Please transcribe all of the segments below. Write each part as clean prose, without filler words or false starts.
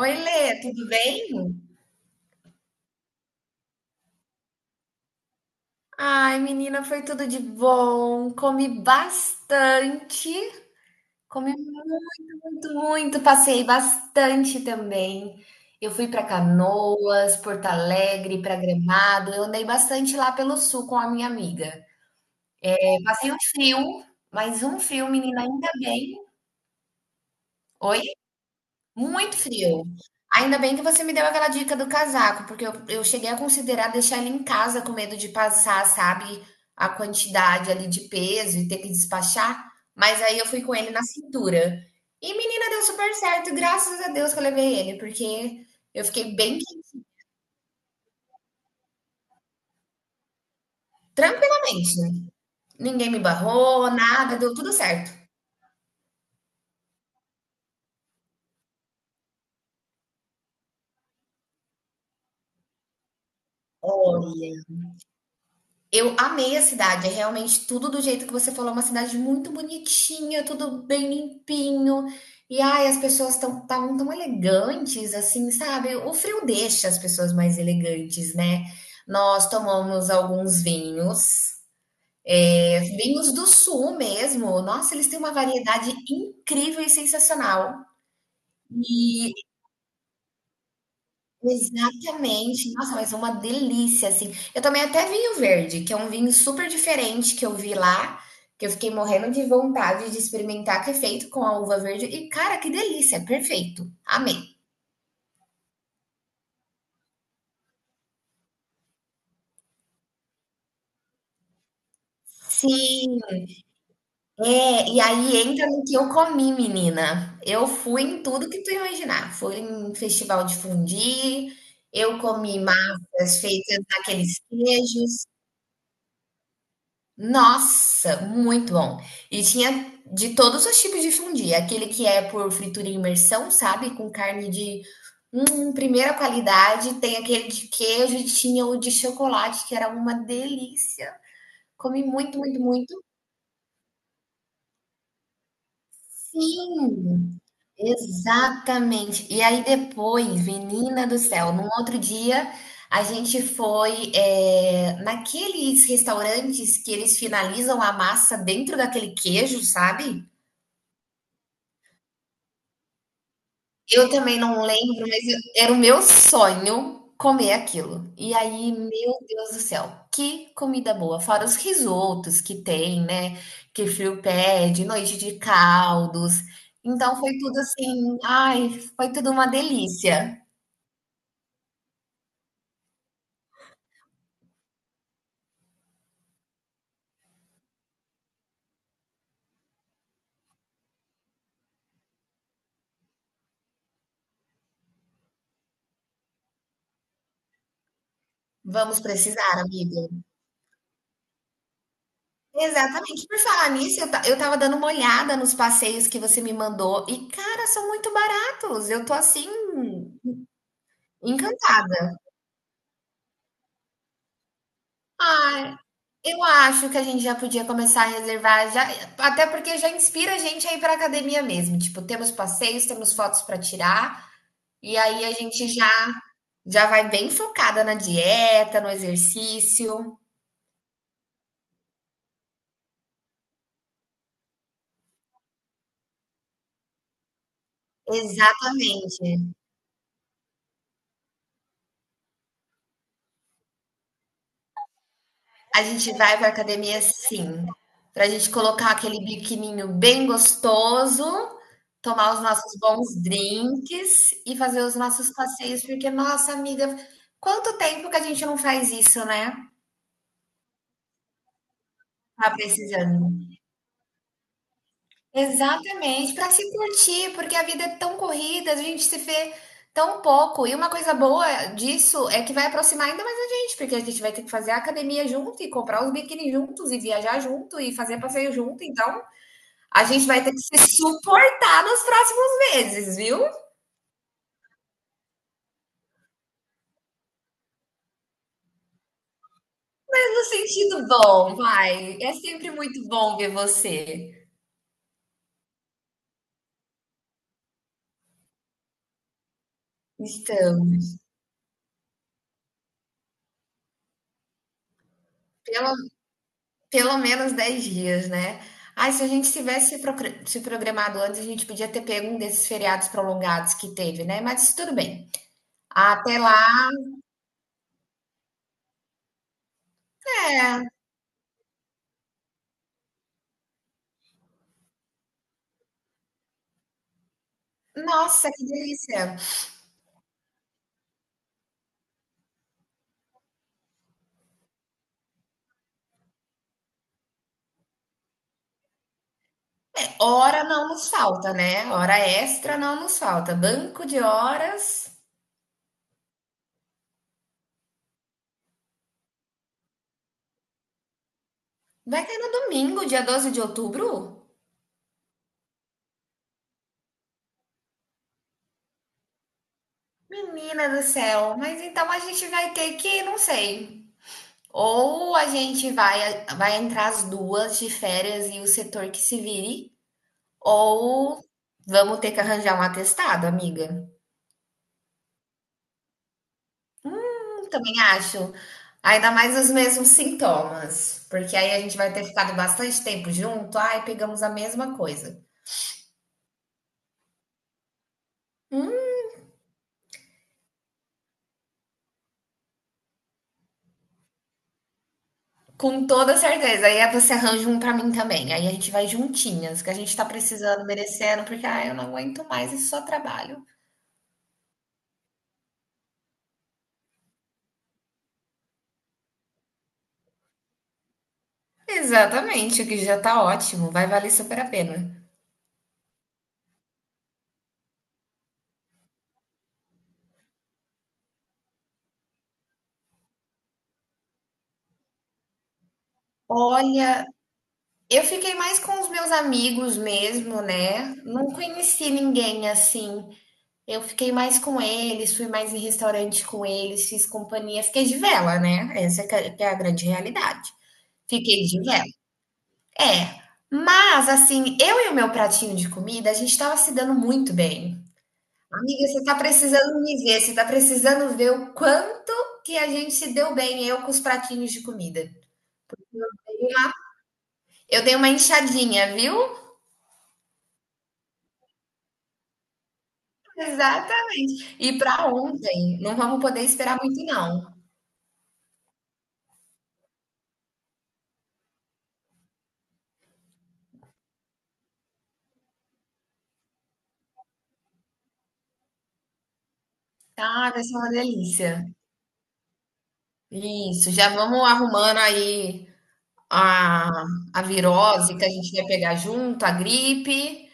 Oi, Lê, tudo bem? Ai, menina, foi tudo de bom. Comi bastante, comi muito, muito, muito. Passei bastante também. Eu fui para Canoas, Porto Alegre, para Gramado. Eu andei bastante lá pelo sul com a minha amiga. Eu passei um frio, mas um frio, menina, ainda bem. Oi? Muito frio. Ainda bem que você me deu aquela dica do casaco, porque eu cheguei a considerar deixar ele em casa com medo de passar, sabe, a quantidade ali de peso e ter que despachar, mas aí eu fui com ele na cintura. E menina, deu super certo, graças a Deus que eu levei ele, porque eu fiquei bem tranquilamente. Ninguém me barrou, nada, deu tudo certo. Olha. Eu amei a cidade, é realmente tudo do jeito que você falou, uma cidade muito bonitinha, tudo bem limpinho. E ai, as pessoas estão tão, tão elegantes, assim, sabe? O frio deixa as pessoas mais elegantes, né? Nós tomamos alguns vinhos, é, vinhos do sul mesmo. Nossa, eles têm uma variedade incrível e sensacional. E Exatamente. Nossa, mas é uma delícia, assim. Eu tomei até vinho verde, que é um vinho super diferente que eu vi lá, que eu fiquei morrendo de vontade de experimentar, que é feito com a uva verde. E, cara, que delícia, é perfeito. Amei. Sim, é, e aí entra no que eu comi, menina. Eu fui em tudo que tu imaginar. Fui em festival de fondue, eu comi massas feitas naqueles queijos. Nossa, muito bom. E tinha de todos os tipos de fondue, aquele que é por fritura e imersão, sabe, com carne de, primeira qualidade, tem aquele de queijo e tinha o de chocolate, que era uma delícia. Comi muito, muito, muito. Sim, exatamente. E aí depois, menina do céu, num outro dia a gente foi, naqueles restaurantes que eles finalizam a massa dentro daquele queijo, sabe? Eu também não lembro, mas eu era o meu sonho comer aquilo. E aí, meu Deus do céu, que comida boa! Fora os risotos que tem, né, que frio pede, noite de caldos. Então foi tudo assim, ai, foi tudo uma delícia. Vamos precisar, amiga. Exatamente. Por falar nisso, eu estava dando uma olhada nos passeios que você me mandou e, cara, são muito baratos. Eu tô assim, encantada. Ai. Eu acho que a gente já podia começar a reservar, já, até porque já inspira a gente a ir para academia mesmo. Tipo, temos passeios, temos fotos para tirar, e aí a gente já vai bem focada na dieta, no exercício. Exatamente. A gente vai para academia sim, para a gente colocar aquele biquininho bem gostoso, tomar os nossos bons drinks e fazer os nossos passeios, porque, nossa amiga, quanto tempo que a gente não faz isso, né? Tá precisando. Exatamente, para se curtir, porque a vida é tão corrida, a gente se vê tão pouco. E uma coisa boa disso é que vai aproximar ainda mais a gente, porque a gente vai ter que fazer a academia junto e comprar os biquíni juntos e viajar junto e fazer passeio junto. Então, a gente vai ter que se suportar nos próximos meses, viu? Mas no sentido bom, vai. É sempre muito bom ver você. Então, pelo Pelo menos 10 dias, né? Ai, se a gente tivesse se programado antes, a gente podia ter pego um desses feriados prolongados que teve, né? Mas tudo bem. Até lá, é. Nossa, que delícia. Hora não nos falta, né? Hora extra não nos falta. Banco de horas. Vai cair no domingo, dia 12 de outubro? Menina do céu, mas então a gente vai ter que, não sei. Ou a gente vai, vai entrar as duas de férias e o setor que se vire. Ou vamos ter que arranjar um atestado, amiga. Também acho. Ainda mais os mesmos sintomas, porque aí a gente vai ter ficado bastante tempo junto, ai, pegamos a mesma coisa. Hum? Com toda certeza. Aí você arranja um pra mim também. Aí a gente vai juntinhas, que a gente tá precisando, merecendo, porque ai, eu não aguento mais esse só trabalho. Exatamente, o que já tá ótimo, vai valer super a pena. Olha, eu fiquei mais com os meus amigos mesmo, né? Não conheci ninguém assim. Eu fiquei mais com eles, fui mais em restaurante com eles, fiz companhia, fiquei de vela, né, essa é que é a grande realidade. Fiquei de vela. É, mas assim, eu e o meu pratinho de comida, a gente estava se dando muito bem. "Amiga, você tá precisando me ver, você tá precisando ver o quanto que a gente se deu bem, eu com os pratinhos de comida. Eu dei uma inchadinha, viu?" Exatamente. E pra ontem, não vamos poder esperar muito não, tá, vai ser uma delícia. Isso, já vamos arrumando aí a, a virose que a gente vai pegar junto, a gripe.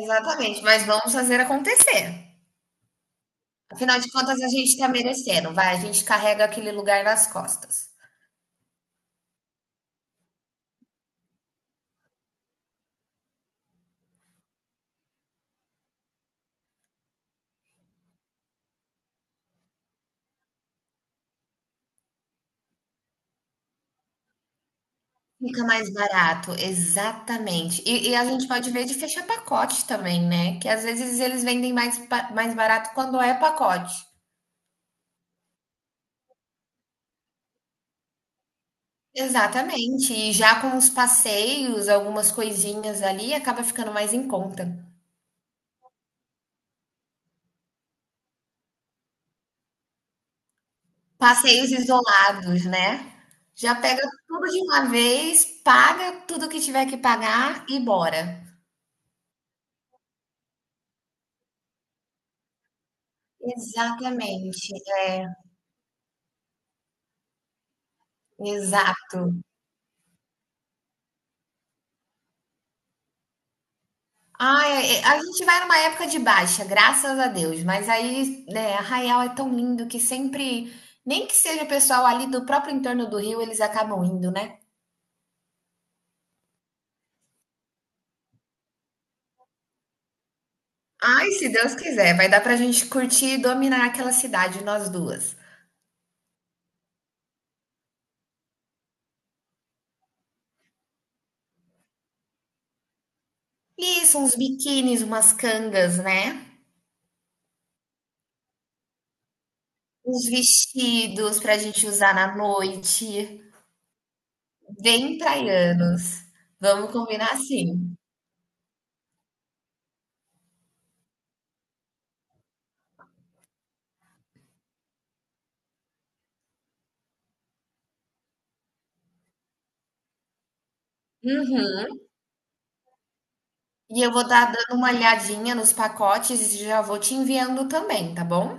Exatamente, mas vamos fazer acontecer. Afinal de contas, a gente está merecendo, vai, a gente carrega aquele lugar nas costas. Fica mais barato, exatamente. E a gente pode ver de fechar pacote também, né? Que às vezes eles vendem mais, mais barato quando é pacote. Exatamente. E já com os passeios, algumas coisinhas ali, acaba ficando mais em conta. Passeios isolados, né. Já pega tudo de uma vez, paga tudo que tiver que pagar e bora. Exatamente, é, exato. Ai, é, a gente vai numa época de baixa, graças a Deus, mas aí, né, Arraial é tão lindo que sempre nem que seja o pessoal ali do próprio entorno do Rio, eles acabam indo, né. Ai, se Deus quiser, vai dar pra gente curtir e dominar aquela cidade, nós duas. Isso, uns biquínis, umas cangas, né. Os vestidos pra gente usar na noite, bem praianos. Vamos combinar assim. Uhum. E eu vou estar dando uma olhadinha nos pacotes e já vou te enviando também, tá bom?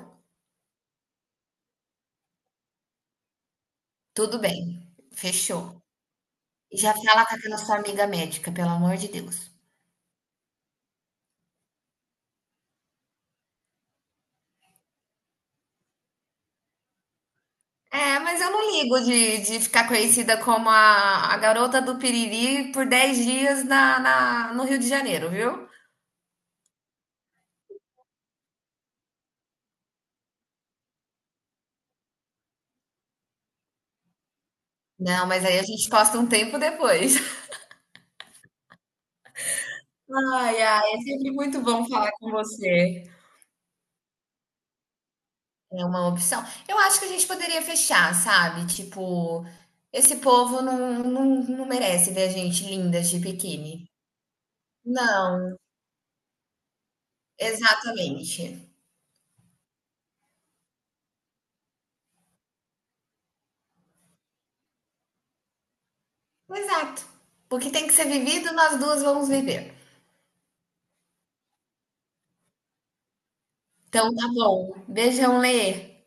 Tudo bem, fechou. E já fala com aquela sua amiga médica, pelo amor de Deus. É, mas eu não ligo de ficar conhecida como a garota do Piriri por 10 dias na, no Rio de Janeiro, viu? Não, mas aí a gente posta um tempo depois. Ai, ai, é sempre muito bom falar com você. É uma opção. Eu acho que a gente poderia fechar, sabe? Tipo, esse povo não, não merece ver a gente linda de biquíni. Não, exatamente. Exato. Porque tem que ser vivido, nós duas vamos viver. Então tá bom. Beijão, Lê.